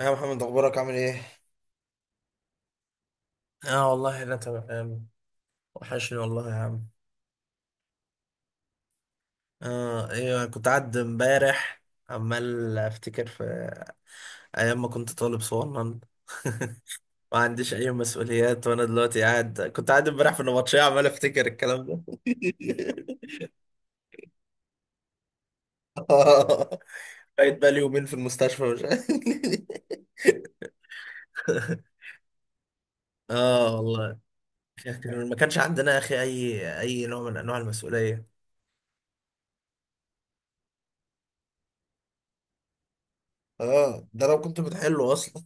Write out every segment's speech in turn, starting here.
يا محمد اخبارك عامل ايه؟ اه والله انا تمام يا عم. وحشني والله يا عم. اه ايوه، كنت قاعد امبارح عمال افتكر في ايام ما كنت طالب صغنن ما عنديش اي مسؤوليات، وانا دلوقتي قاعد كنت قاعد امبارح في النبطشيه عمال افتكر الكلام ده. آه، بقيت بقالي يومين في المستشفى مش عارف. اه والله. ما كانش عندنا يا اخي اي نوع من انواع المسؤوليه. اه ده لو كنت حلو اصلا.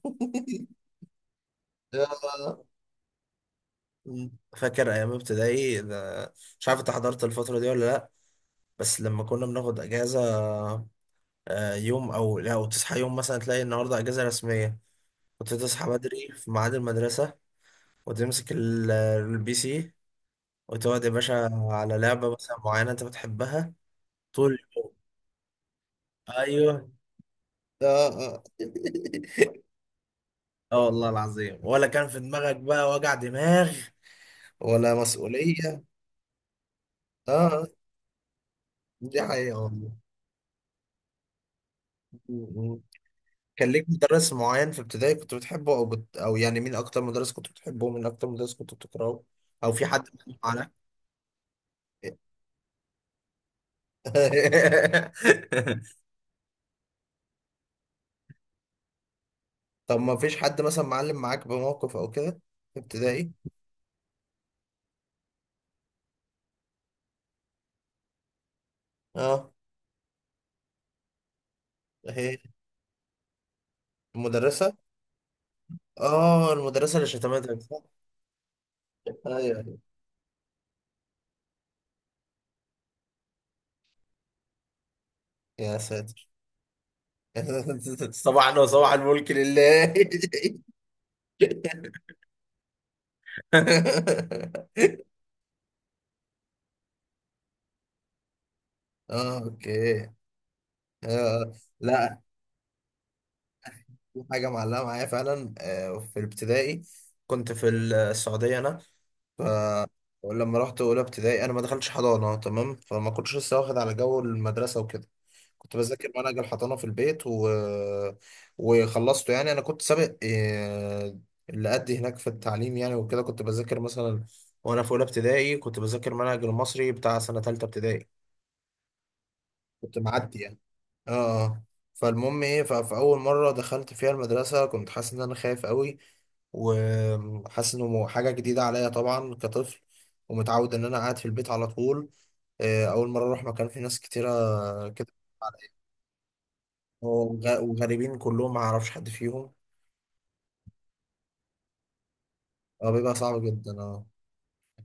يا فاكر ايام ابتدائي؟ مش عارف انت حضرت الفتره دي ولا لا، بس لما كنا بناخد اجازه، يوم او لا، وتصحى يوم مثلا تلاقي النهارده اجازه رسميه، كنت تصحى بدري في ميعاد المدرسه وتمسك البي سي وتقعد يا باشا على لعبه مثلا معينه انت بتحبها طول اليوم. ايوه، اه اه. اه والله العظيم، ولا كان في دماغك بقى وجع دماغ ولا مسؤوليه. اه دي حقيقه. والله، كان ليك مدرس معين في ابتدائي كنت بتحبه او يعني مين اكتر مدرس كنت بتحبه ومين اكتر مدرس كنت بتكرهه؟ او في حد معلم معاك؟ طب ما فيش حد مثلا معلم معاك بموقف او كده في ابتدائي؟ اه، هي المدرسة. اه، المدرسة اللي شتمتك، صح؟ ايوه أيوة. يا ساتر. صباحا وصباح الملك لله. اه، اوكي. آه. لا، في حاجة معلقة معايا فعلا، في الابتدائي كنت في السعودية أنا. ف، ولما رحت أولى ابتدائي أنا ما دخلتش حضانة تمام، فما كنتش لسه واخد على جو المدرسة وكده. كنت بذاكر منهج الحضانة في البيت وخلصته يعني، أنا كنت سابق اللي قد هناك في التعليم يعني. وكده كنت بذاكر مثلا، وأنا في أولى ابتدائي، كنت بذاكر منهج المصري بتاع سنة تالتة ابتدائي. كنت معدي يعني. اه آه. فالمهم ايه، فاول مره دخلت فيها المدرسه كنت حاسس ان انا خايف قوي، وحاسس انه حاجه جديده عليا طبعا كطفل، ومتعود ان انا قاعد في البيت على طول. اول مره اروح مكان فيه ناس كتيره كده، وغريبين كلهم، ما اعرفش حد فيهم. اه بيبقى صعب جدا، اه.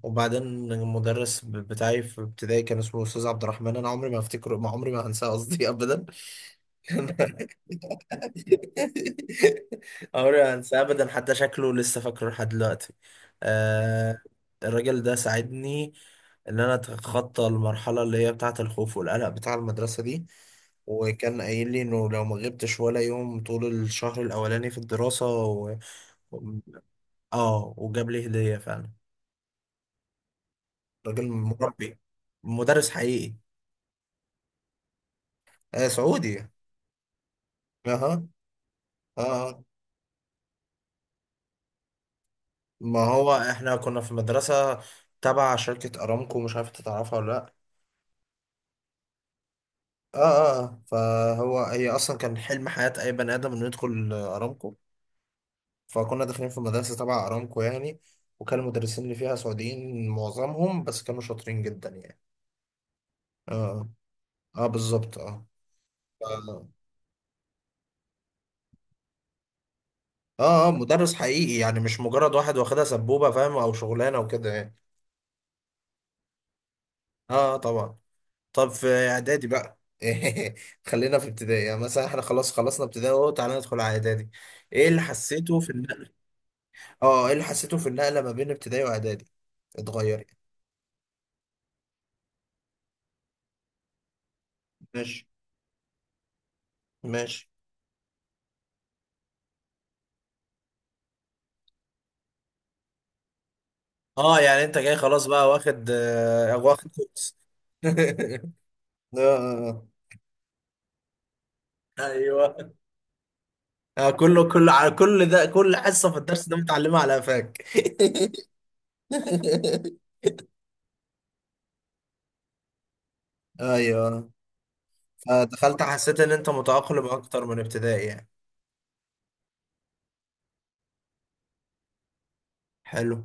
وبعدين المدرس بتاعي في ابتدائي كان اسمه استاذ عبد الرحمن، انا عمري ما افتكره، ما عمري ما هنساه قصدي ابدا. عمري ما هنساه ابدا، حتى شكله لسه فاكره لحد دلوقتي. آه، الراجل ده ساعدني ان انا اتخطى المرحله اللي هي بتاعه الخوف والقلق بتاع المدرسه دي. وكان قايل لي انه لو ما غبتش ولا يوم طول الشهر الاولاني في الدراسه اه، وجاب لي هديه فعلا. راجل مربي، مدرس حقيقي. آه، سعودي اها. اه آه. ما هو احنا كنا في مدرسه تبع شركه ارامكو، مش عارف انت تعرفها ولا لا. اه اه فهو، هي اصلا كان حلم حياة اي بني ادم انه يدخل ارامكو. فكنا داخلين في مدرسة تبع ارامكو يعني، وكان المدرسين اللي فيها سعوديين معظمهم، بس كانوا شاطرين جدا يعني. اه اه اه بالظبط، اه اه اه مدرس حقيقي يعني، مش مجرد واحد واخدها سبوبة فاهم، او شغلانة وكده يعني. اه اه طبعا. طب في اعدادي بقى، خلينا في ابتدائي يعني، مثلا احنا خلاص خلصنا ابتدائي اهو، تعالى ندخل على اعدادي. ايه اللي حسيته في النقل؟ اه، ايه اللي حسيته في النقلة ما بين ابتدائي واعدادي؟ اتغير يعني؟ ماشي، ماشي. اه يعني انت جاي خلاص بقى واخد، آه واخد كورس. آه. ايوه، آه كله، كله على كل ده كل حصه في الدرس ده متعلمه على قفاك. ايوه، فدخلت حسيت ان انت متأقلم اكتر من ابتدائي يعني؟ حلو.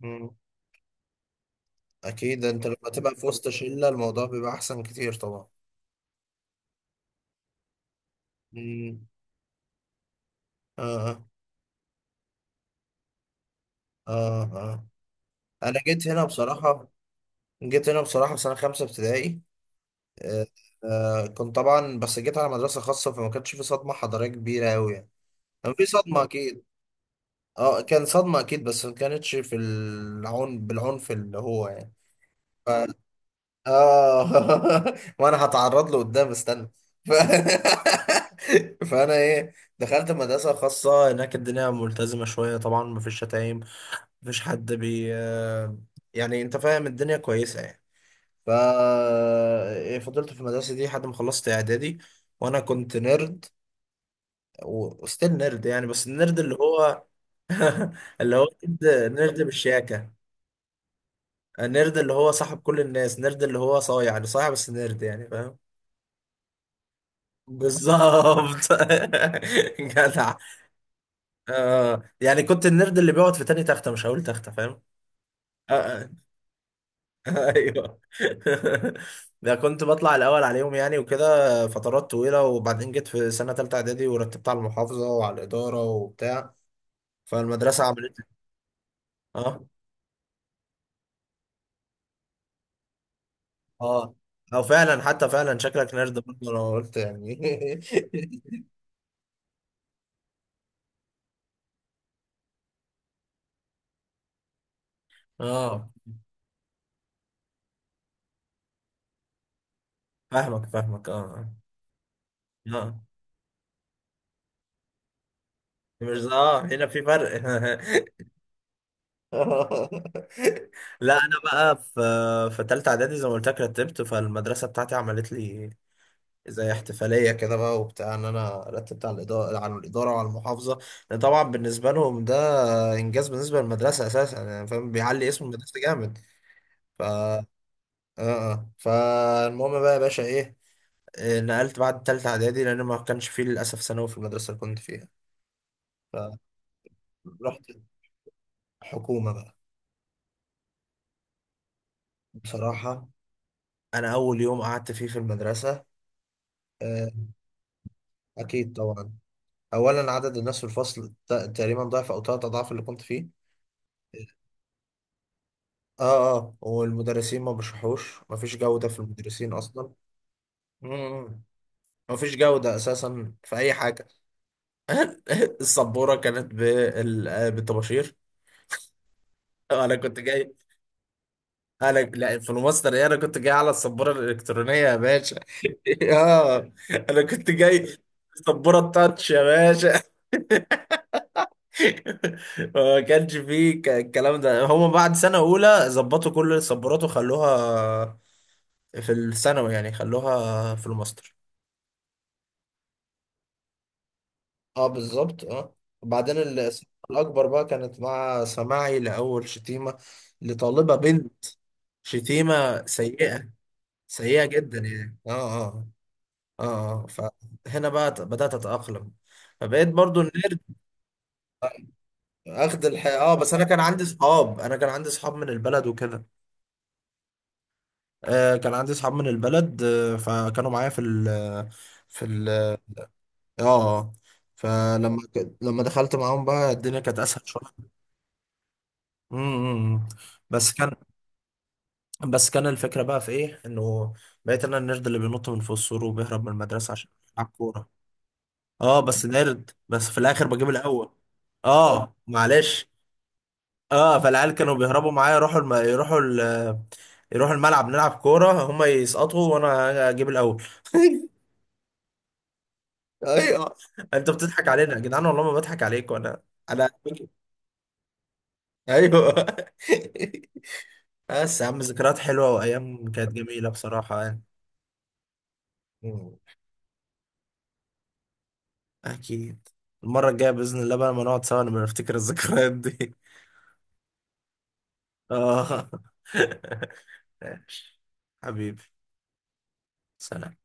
مم. اكيد انت لما تبقى في وسط شله الموضوع بيبقى احسن كتير طبعا. مم. اه اه اه. انا جيت هنا بصراحه، جيت هنا بصراحه في سنه خمسه ابتدائي. آه، كنت طبعا، بس جيت على مدرسة خاصة فما كانش في صدمة حضارية كبيرة أوي يعني. كان في صدمة أكيد. اه كان صدمة أكيد، بس ما كانتش في العنف، بالعنف اللي هو يعني. ف، اه وأنا هتعرض له قدام استنى. ف، فأنا إيه، دخلت مدرسة خاصة هناك الدنيا ملتزمة شوية طبعا، مفيش شتايم، مفيش حد بي يعني أنت فاهم الدنيا كويسة يعني. ف، فضلت في المدرسة دي لحد ما خلصت إعدادي. وأنا كنت نيرد، وستيل نيرد يعني. بس النيرد اللي هو، اللي هو نيرد، نيرد بالشياكة. النيرد اللي هو صاحب كل الناس، نيرد اللي هو صايع، اللي صايع بس نيرد يعني، فاهم؟ بالظبط. جدع، آه يعني كنت النيرد اللي بيقعد في تاني تختة، مش هقول تختة فاهم. آه، آه. ايوه. ده كنت بطلع الاول عليهم يعني وكده فترات طويله. وبعدين جيت في سنه ثالثه اعدادي ورتبت على المحافظه وعلى الاداره وبتاع. فالمدرسه عملت، اه اه. او فعلا حتى فعلا شكلك نيرد برضه، انا قلت يعني. اه، فاهمك فاهمك اه. اه مش اه هنا في فرق. لا انا بقى في، في ثالثه اعدادي زي ما قلت لك رتبت، فالمدرسه بتاعتي عملت لي زي احتفالية كده بقى وبتاع، ان انا رتبت على الإدارة، على الإدارة وعلى المحافظة. لأن طبعا بالنسبة لهم ده انجاز بالنسبة للمدرسة اساسا يعني، فاهم، بيعلي اسم المدرسة جامد. ف اه فالمهم بقى يا باشا ايه، نقلت بعد تالتة اعدادي لان ما كانش فيه للاسف ثانوي في المدرسة اللي كنت فيها. فرحت حكومة بقى. بصراحة انا اول يوم قعدت فيه في المدرسة، آه، اكيد طبعا. اولا عدد الناس في الفصل تقريبا ضعف او ثلاث اضعاف اللي كنت فيه. اه اه، والمدرسين ما بيشرحوش، مفيش جودة في المدرسين أصلا. مم. مفيش جودة أساسا في أي حاجة. السبورة كانت بالطباشير. أنا كنت جاي، أنا لا، في الماستر إيه، أنا كنت جاي على السبورة الإلكترونية يا باشا. اه أنا كنت جاي، السبورة التاتش يا باشا. ما كانش فيه الكلام ده هما بعد سنة أولى ظبطوا كل السبورات وخلوها في الثانوي يعني، خلوها في الماستر. اه بالظبط اه. وبعدين الصدمة الأكبر بقى كانت مع سماعي لأول شتيمة لطالبة بنت. شتيمة سيئة، سيئة جدا يعني. اه اه اه اه. فهنا بقى بدأت أتأقلم. فبقيت برضو النيرد، أخد الحق. اه بس أنا كان عندي صحاب، أنا كان عندي صحاب من البلد وكده. آه كان عندي صحاب من البلد، آه فكانوا معايا في ال اه فلما لما دخلت معاهم بقى الدنيا كانت أسهل شوية. امم، بس كان بس كان الفكرة بقى في ايه، انه بقيت انا النرد اللي بينط من فوق السور وبيهرب من المدرسة عشان يلعب كورة. اه بس نرد، بس في الاخر بجيب الاول. اه معلش اه. فالعيال كانوا بيهربوا معايا، يروحوا الملعب نلعب كورة، هما يسقطوا وانا اجيب الاول. ايوه، انت بتضحك علينا يا جدعان، والله ما بضحك عليك وانا، انا، ايوه. بس يا عم ذكريات حلوة وايام كانت جميلة بصراحة يعني. أكيد، المرة الجاية بإذن الله بقى لما نقعد سوا نبقى نفتكر الذكريات دي. آه. ماشي. حبيبي، سلام.